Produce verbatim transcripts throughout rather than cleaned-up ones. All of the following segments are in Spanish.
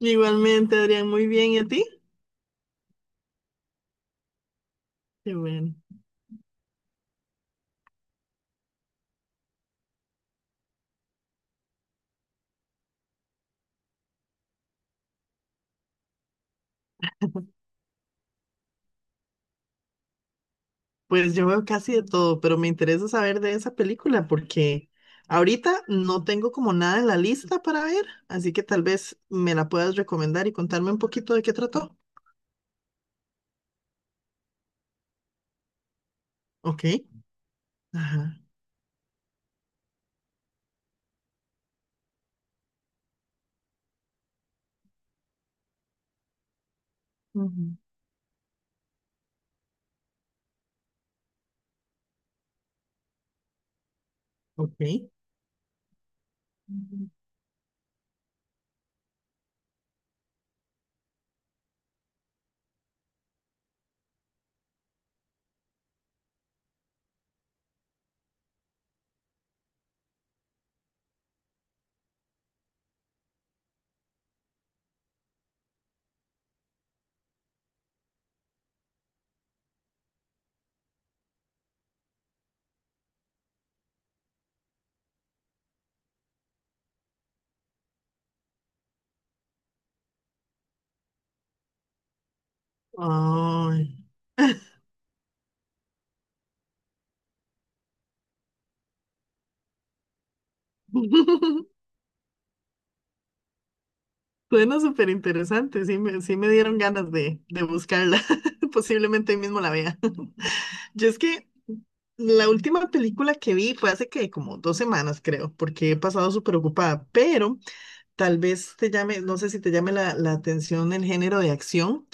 Igualmente, Adrián, muy bien. ¿Y a ti? Qué bueno. Pues yo veo casi de todo, pero me interesa saber de esa película porque ahorita no tengo como nada en la lista para ver, así que tal vez me la puedas recomendar y contarme un poquito de qué trató. Ok. Ajá. Ujú. Ok. Ujú. Ay. Suena súper interesante, sí me, sí me dieron ganas de, de buscarla. Posiblemente hoy mismo la vea. Yo es que la última película que vi fue hace que como dos semanas, creo, porque he pasado súper ocupada, pero tal vez te llame, no sé si te llame la, la atención el género de acción.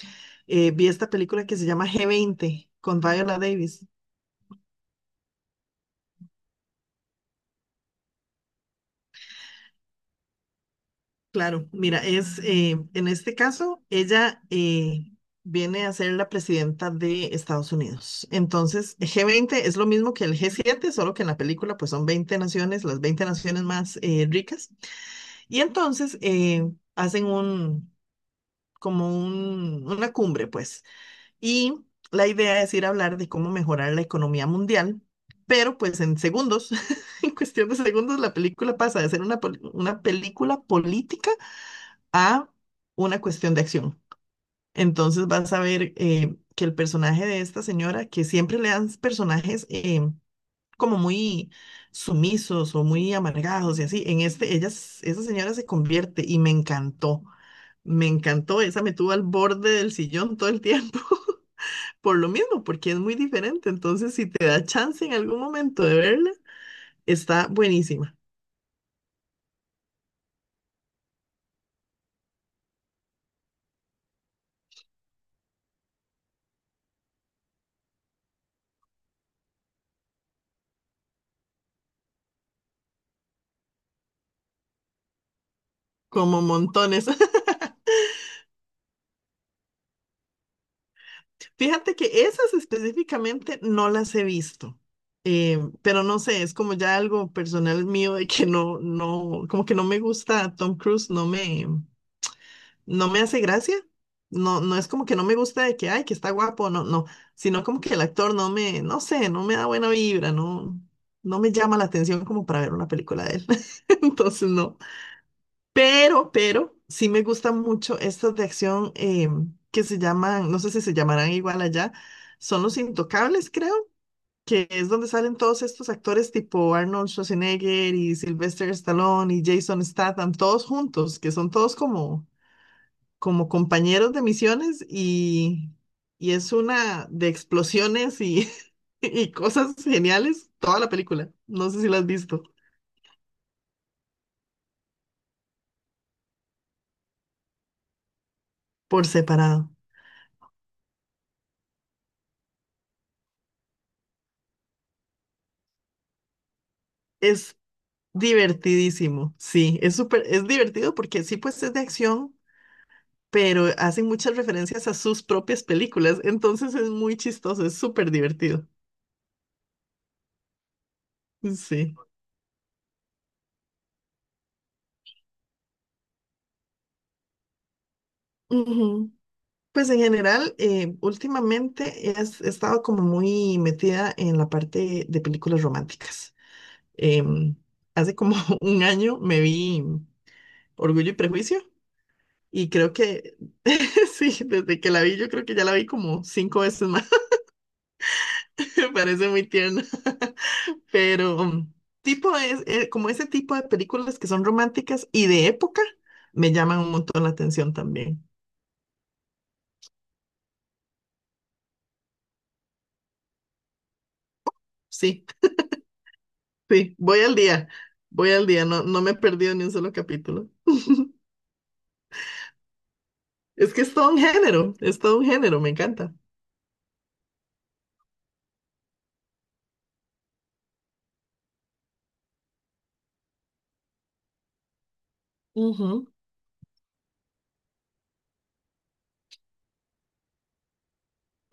Eh, vi esta película que se llama ge veinte con Viola Davis. Claro, mira, es eh, en este caso, ella eh, viene a ser la presidenta de Estados Unidos. Entonces, g veinte es lo mismo que el g siete, solo que en la película pues son veinte naciones, las veinte naciones más eh, ricas. Y entonces eh, hacen un, como un, una cumbre, pues. Y la idea es ir a hablar de cómo mejorar la economía mundial, pero pues en segundos, en cuestión de segundos, la película pasa de ser una, pol- una película política a una cuestión de acción. Entonces vas a ver eh, que el personaje de esta señora, que siempre le dan personajes eh, como muy sumisos o muy amargados y así, en este, ella, s- esa señora se convierte y me encantó, me encantó, esa me tuvo al borde del sillón todo el tiempo. Por lo mismo, porque es muy diferente. Entonces, si te da chance en algún momento de verla, está buenísima. Como montones. Fíjate que esas específicamente no las he visto, eh, pero no sé, es como ya algo personal mío de que no, no, como que no me gusta Tom Cruise, no me, no me hace gracia. No, no es como que no me gusta de que, ay, que está guapo, no, no, sino como que el actor no me, no sé, no me da buena vibra, no, no me llama la atención como para ver una película de él. Entonces, no. Pero, pero, sí me gustan mucho estas de acción eh, que se llaman, no sé si se llamarán igual allá, son Los Intocables, creo, que es donde salen todos estos actores tipo Arnold Schwarzenegger y Sylvester Stallone y Jason Statham, todos juntos, que son todos como, como compañeros de misiones y, y es una de explosiones y, y cosas geniales, toda la película. No sé si la has visto por separado. Es divertidísimo, sí, es súper, es divertido porque sí, pues es de acción, pero hacen muchas referencias a sus propias películas, entonces es muy chistoso, es súper divertido, sí. Ujú. Pues en general, eh, últimamente he, es- he estado como muy metida en la parte de películas románticas. Em, hace como un año me vi Orgullo y Prejuicio y creo que, sí, desde que la vi, yo creo que ya la vi como cinco veces más, me parece muy tierna. Pero mm, tipo es, eh, como ese tipo de películas que son románticas y de época me llaman un montón la atención también. Sí, sí, voy al día, voy al día, no, no me he perdido ni un solo capítulo. Es que es todo un género, es todo un género, me encanta. Ujú.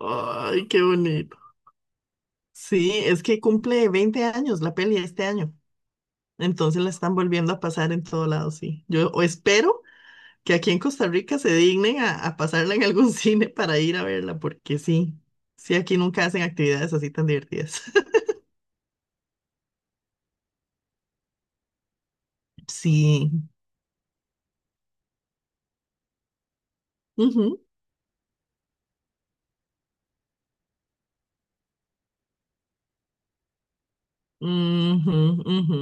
Ay, qué bonito. Sí, es que cumple veinte años la peli este año, entonces la están volviendo a pasar en todo lado, sí. Yo o espero que aquí en Costa Rica se dignen a, a pasarla en algún cine para ir a verla, porque sí, sí, aquí nunca hacen actividades así tan divertidas. Sí. Ujú, ujú, ujú.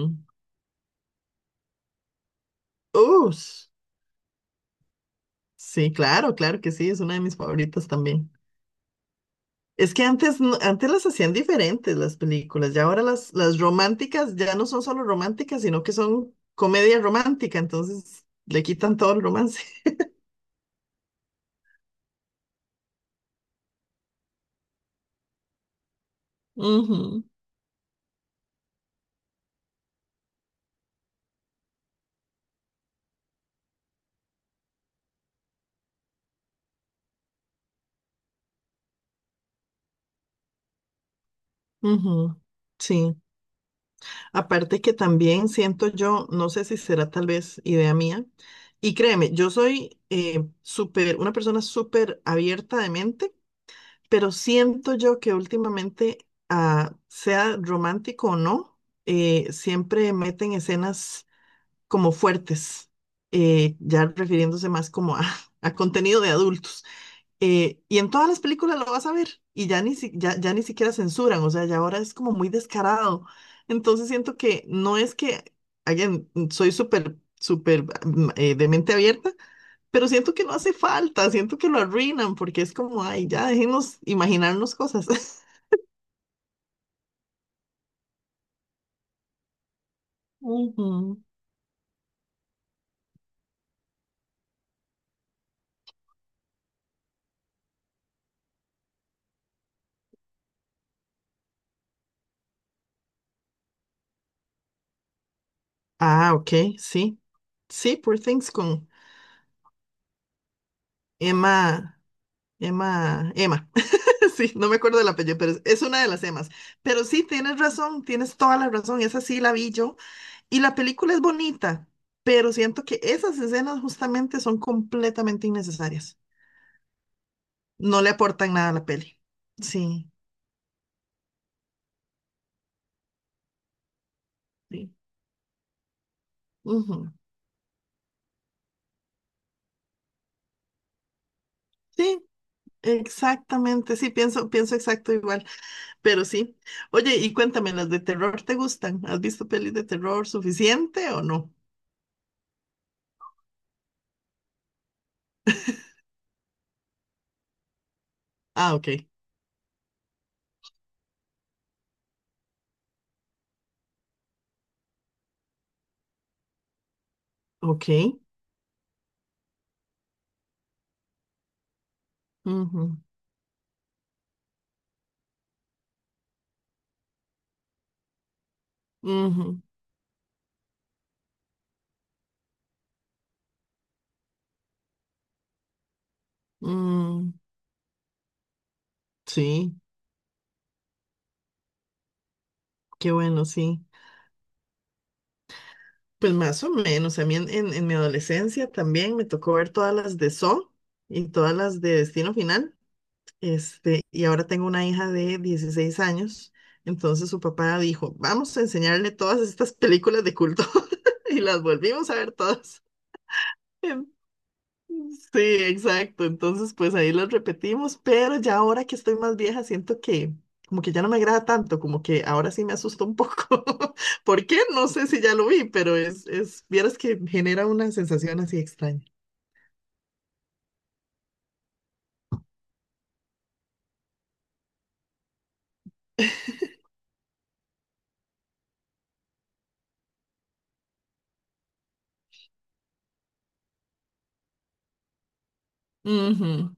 Ush. Sí, claro, claro que sí, es una de mis favoritas también. Es que antes, no- antes las hacían diferentes las películas, ya ahora las, las románticas ya no son solo románticas, sino que son comedia romántica, entonces le quitan todo el romance. Ujú, ujú. Sí. Aparte que también siento yo, no sé si será tal vez idea mía, y créeme, yo soy eh, súper, una persona súper abierta de mente, pero siento yo que últimamente, ah, sea romántico o no, eh, siempre meten escenas como fuertes, eh, ya refiriéndose más como a, a contenido de adultos. Eh, y en todas las películas lo vas a ver y ya ni, si- ya, ya ni siquiera censuran, o sea, ya ahora es como muy descarado. Entonces siento que no es que, again, soy súper, súper mm, eh, de mente abierta, pero siento que no hace falta, siento que lo arruinan porque es como, ay, ya dejemos imaginarnos cosas. Ujú. Ah, ok, sí, sí, Poor Things con Emma, Emma, Emma. Sí, no me acuerdo del apellido, pero es es una de las emas. Pero sí, tienes razón, tienes toda la razón, esa sí la vi yo. Y la película es bonita, pero siento que esas escenas justamente son completamente innecesarias. No le aportan nada a la peli. Sí, sí. Ujú. Sí, exactamente, sí, pienso, pienso exacto igual, pero sí. Oye, y cuéntame, ¿las de terror te gustan? ¿Has visto pelis de terror suficiente o no? Ah, ok, ok. Ujú, ujú, mm, sí. Qué bueno, sí. Pues más o menos. A mí en, en- en mi adolescencia también me tocó ver todas las de Saw y todas las de Destino Final. Este, y ahora tengo una hija de dieciséis años. Entonces su papá dijo, vamos a enseñarle todas estas películas de culto. Y las volvimos a ver todas. Sí, exacto. Entonces, pues ahí los repetimos, pero ya ahora que estoy más vieja, siento que como que ya no me agrada tanto, como que ahora sí me asusta un poco. ¿Por qué? No sé si ya lo vi, pero es, es, vieras que genera una sensación así extraña. Ujú,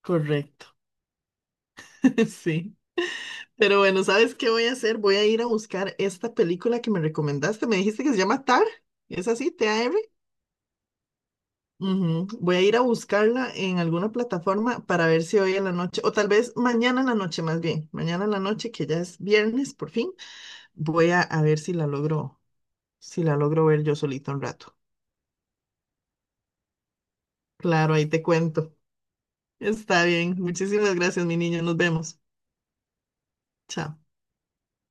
correcto. Sí. Pero bueno, ¿sabes qué voy a hacer? Voy a ir a buscar esta película que me recomendaste. Me dijiste que se llama Tar. ¿Es así? ¿T-A-R? Ujú. Voy a ir a buscarla en alguna plataforma para ver si hoy en la noche, o tal vez mañana en la noche más bien, mañana en la noche que ya es viernes por fin, voy a, a ver si la logro, si la logro ver yo solito un rato. Claro, ahí te cuento. Está bien. Muchísimas gracias, mi niño. Nos vemos. Chao.